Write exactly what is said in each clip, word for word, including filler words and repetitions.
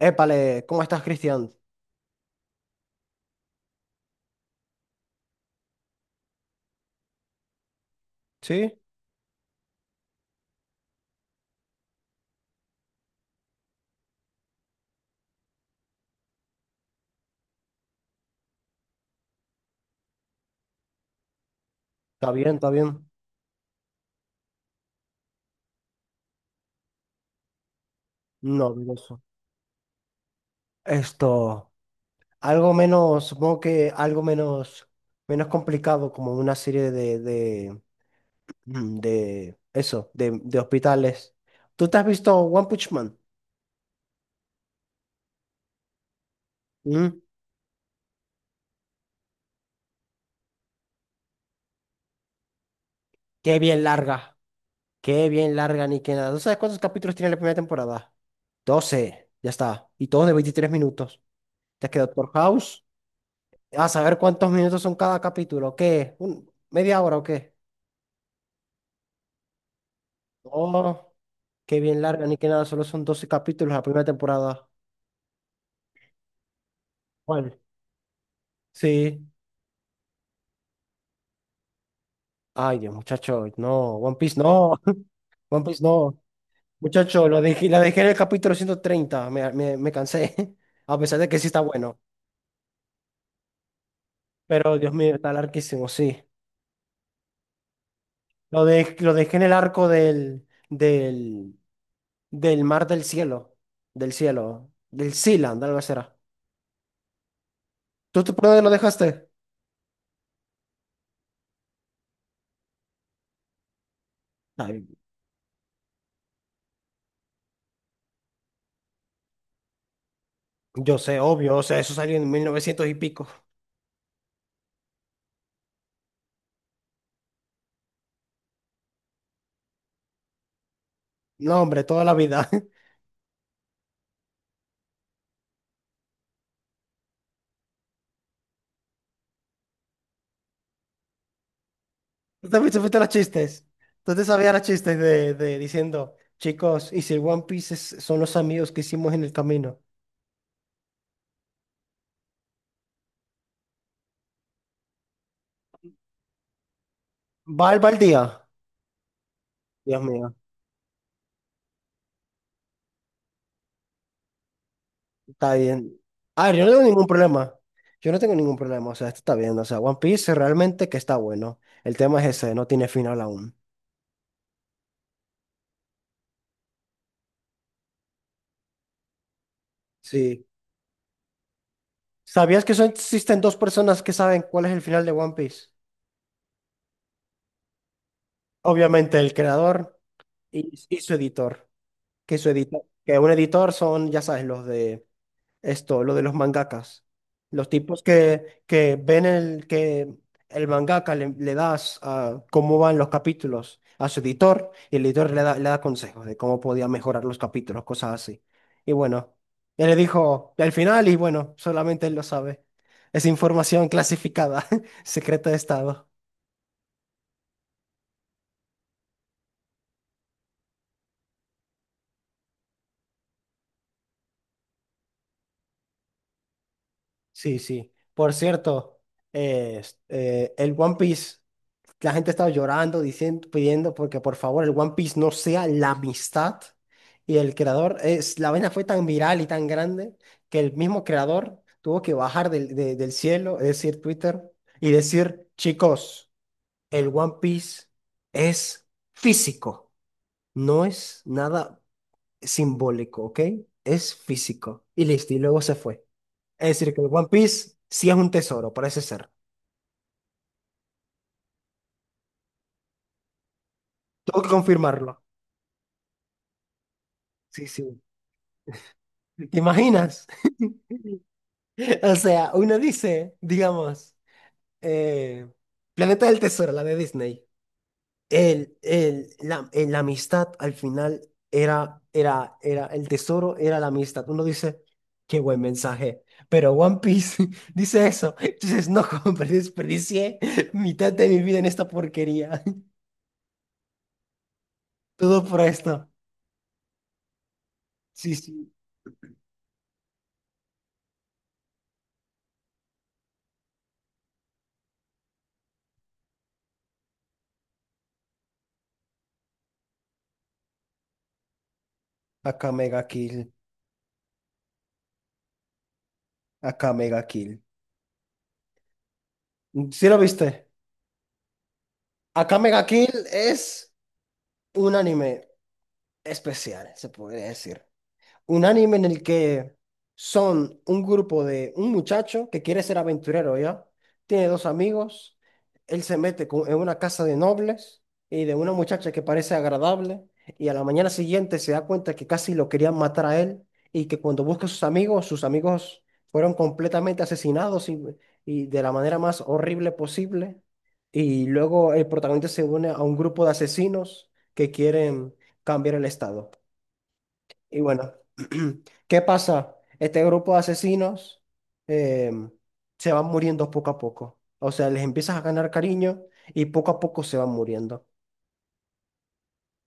Épale, ¿cómo estás, Cristian? ¿Sí? ¿Está bien? ¿Está bien? No, dudoso. Esto, algo menos, supongo que algo menos, menos complicado, como una serie de, de, mm, de eso, de, de hospitales. ¿Tú te has visto One Punch Man? ¿Mm? Qué bien larga, qué bien larga, ni que nada. ¿Tú sabes cuántos capítulos tiene la primera temporada? Doce, ya está. Y todos de veintitrés minutos. ¿Te has quedado por House? A saber cuántos minutos son cada capítulo. ¿Qué? ¿Un- ¿Media hora o qué? Oh, qué bien larga, ni que nada, solo son doce capítulos la primera temporada. ¿Cuál? Sí. Ay, Dios, muchacho, no, One Piece no, One Piece no. Muchacho, lo dejé, la dejé en el capítulo ciento treinta, me, me, me cansé, a pesar de que sí está bueno. Pero Dios mío, está larguísimo, sí. Lo, de, lo dejé en el arco del, del, del mar del cielo, del cielo, del Sealand, algo así era. ¿Tú te- ¿por dónde lo dejaste? Ay, yo sé, obvio, o sea, eso salió en mil novecientos y pico. No, hombre, toda la vida. ¿Tú también supiste los chistes? ¿Tú te sabías los chistes de, de diciendo, chicos, ¿y si el One Piece es- son los amigos que hicimos en el camino? ¿Va al va al día? Dios mío, está bien. A ver, yo no tengo ningún problema. Yo no tengo ningún problema, o sea, esto está bien. O sea, One Piece realmente que está bueno. El tema es ese, no tiene final aún. Sí. ¿Sabías que son, existen dos personas que saben cuál es el final de One Piece? Obviamente el creador y, y su editor. Que su editor, que un editor son, ya sabes, los de esto, lo de los mangakas. Los tipos que, que ven el que el mangaka le, le das a cómo van los capítulos a su editor, y el editor le da, le da consejos de cómo podía mejorar los capítulos, cosas así. Y bueno, él le dijo al final y bueno, solamente él lo sabe. Es información clasificada, secreta de Estado. Sí, sí. Por cierto, eh, es- eh, el One Piece. La gente estaba llorando, diciendo, pidiendo porque por favor el One Piece no sea la amistad, y el creador es la vaina fue tan viral y tan grande que el mismo creador tuvo que bajar del, de- del cielo, es decir, Twitter, y decir, chicos, el One Piece es físico, no es nada simbólico, ¿ok? Es físico y listo y luego se fue. Es decir, que el One Piece sí es un tesoro, parece ser. Tengo que confirmarlo. Sí, sí. ¿Te imaginas? O sea, uno dice, digamos, eh, Planeta del Tesoro, la de Disney. El, el, la, el- la amistad al final era, era, era, el tesoro era la amistad. Uno dice, qué buen mensaje. Pero One Piece dice eso. Entonces, no, hombre, desperdicié mitad de mi vida en esta porquería. Todo por esto. Sí, sí. Acá Mega Kill. Acá Mega Kill. ¿Sí lo viste? Acá Mega Kill es un anime especial, se podría decir. Un anime en el que son un grupo de un muchacho que quiere ser aventurero, ¿ya? Tiene dos amigos, él se mete con- en una casa de nobles y de una muchacha que parece agradable, y a la mañana siguiente se da cuenta que casi lo querían matar a él, y que cuando busca a sus amigos, sus amigos fueron completamente asesinados, y, y de la manera más horrible posible. Y luego el protagonista se une a un grupo de asesinos que quieren cambiar el estado. Y bueno, ¿qué pasa? Este grupo de asesinos em, se van muriendo poco a poco. O sea, les empiezas a ganar cariño y poco a poco se van muriendo.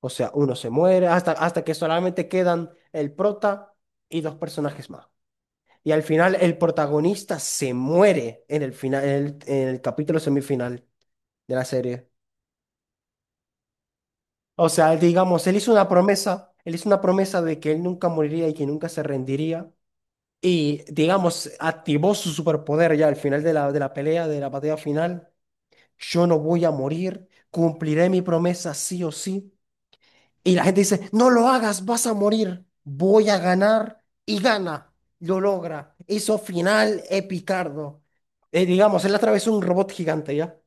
O sea, uno se muere hasta, hasta que solamente quedan el prota y dos personajes más. Y al final el protagonista se muere en el final, en el, en el capítulo semifinal de la serie. O sea, digamos, él hizo una promesa, él hizo una promesa de que él nunca moriría y que nunca se rendiría. Y, digamos, activó su superpoder ya al final de la, de la pelea, de la batalla final. Yo no voy a morir, cumpliré mi promesa sí o sí. Y la gente dice, no lo hagas, vas a morir, voy a ganar y gana, lo logra. Hizo final epicardo. Eh, digamos, él atravesó un robot gigante ya.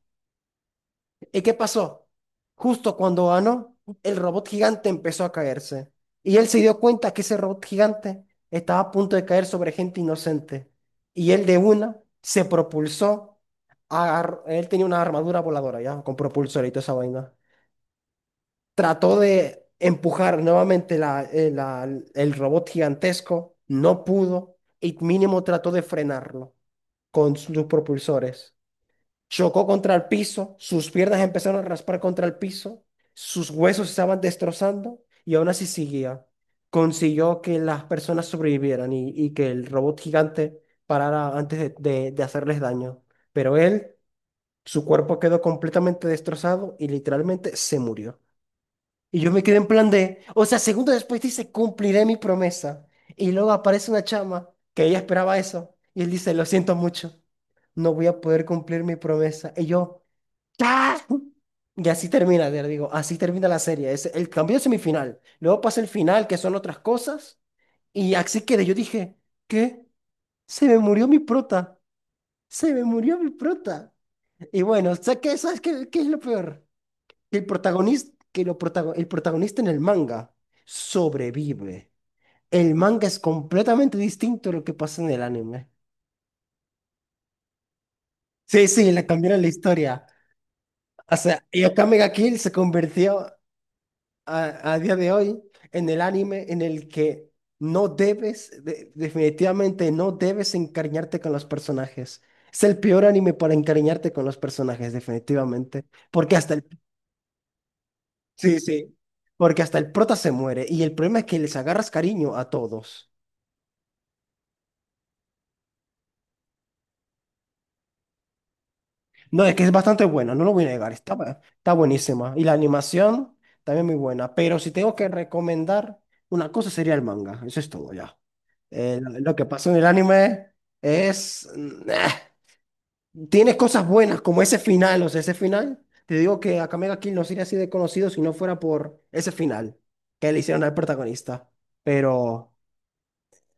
¿Y qué pasó? Justo cuando ganó, el robot gigante empezó a caerse. Y él se dio cuenta que ese robot gigante estaba a punto de caer sobre gente inocente. Y él de una se propulsó. Agar- él tenía una armadura voladora, ¿ya? Con propulsor y toda esa vaina. Trató de empujar nuevamente la, eh, la- el robot gigantesco. No pudo. Y mínimo trató de frenarlo con sus propulsores. Chocó contra el piso, sus piernas empezaron a raspar contra el piso, sus huesos se estaban destrozando y aún así seguía. Consiguió que las personas sobrevivieran, y, y que el robot gigante parara antes de, de- de hacerles daño. Pero él, su cuerpo quedó completamente destrozado y literalmente se murió. Y yo me quedé en plan de, o sea, segundos después dice, cumpliré mi promesa. Y luego aparece una chama que ella esperaba eso y él dice, lo siento mucho, no voy a poder cumplir mi promesa. Y yo, ¡ah! Y así termina, te digo, así termina la serie. Es el cambio de semifinal. Luego pasa el final, que son otras cosas. Y así quedé. Yo dije, ¿qué? Se me murió mi prota. Se me murió mi prota. Y bueno, ¿sabes qué, ¿sabes qué, qué es lo peor? Que el protagonista, que lo protago- el protagonista en el manga sobrevive. El manga es completamente distinto a lo que pasa en el anime. Sí, sí, le cambiaron la historia. O sea, y Akame ga Kill se convirtió a, a día de hoy en el anime en el que no debes, de- definitivamente no debes encariñarte con los personajes. Es el peor anime para encariñarte con los personajes, definitivamente. Porque hasta el... Sí, sí. Porque hasta el prota se muere. Y el problema es que les agarras cariño a todos. No, es que es bastante bueno, no lo voy a negar. Está, bu- está buenísima. Y la animación también muy buena. Pero si tengo que recomendar, una cosa sería el manga. Eso es todo ya. Eh, lo lo que pasa en el anime es... mm, ah, tiene cosas buenas, como ese final, o sea, ese final. Te digo que Akame ga Kill no sería así de conocido si no fuera por ese final que le hicieron al protagonista. Pero,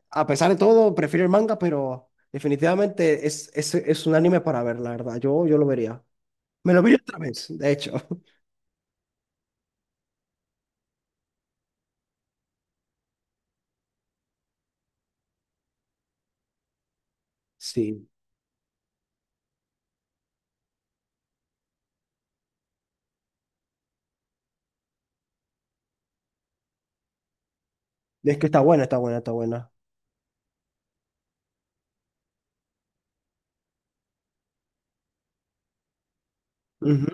a pesar de todo, prefiero el manga, pero definitivamente es, es, es un anime para ver, la verdad. Yo, yo lo vería. Me lo vi otra vez, de hecho. Sí. Es que está buena, está buena, está buena. Ujú.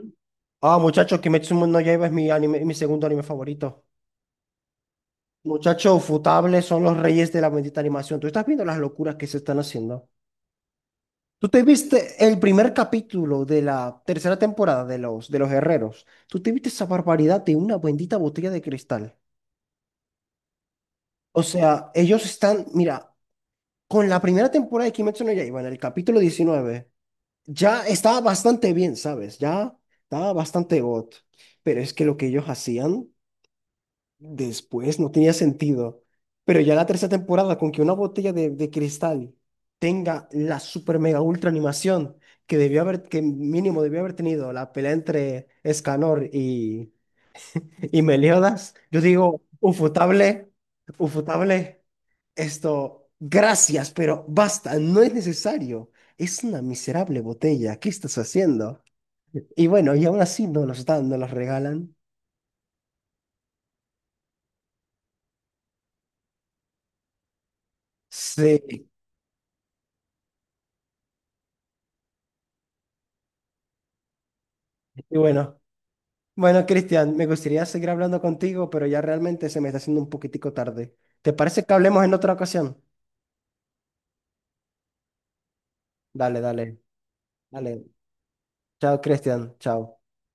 Ah, muchachos, Kimetsu no Yaiba es mi anime, mi segundo anime favorito. Muchacho, Futable son los reyes de la bendita animación. Tú estás viendo las locuras que se están haciendo. Tú te viste el primer capítulo de la tercera temporada de los, de los Herreros. Tú te viste esa barbaridad de una bendita botella de cristal. O sea, ellos están, mira, con la primera temporada de Kimetsu no Yaiba, en el capítulo diecinueve, ya estaba bastante bien, ¿sabes? Ya estaba bastante got. Pero es que lo que ellos hacían. Después no tenía sentido. Pero ya la tercera temporada, con que una botella de, de cristal tenga la super mega ultra animación que debió haber, que mínimo debió haber tenido la pelea entre Escanor y, y Meliodas, yo digo, ufotable, ufotable, esto, gracias, pero basta, no es necesario. Es una miserable botella, ¿qué estás haciendo? Y bueno, y aún así no nos dan, no las regalan. Sí, y bueno. Bueno, Cristian, me gustaría seguir hablando contigo, pero ya realmente se me está haciendo un poquitico tarde. ¿Te parece que hablemos en otra ocasión? Dale, dale, dale. Chao, Cristian, chao.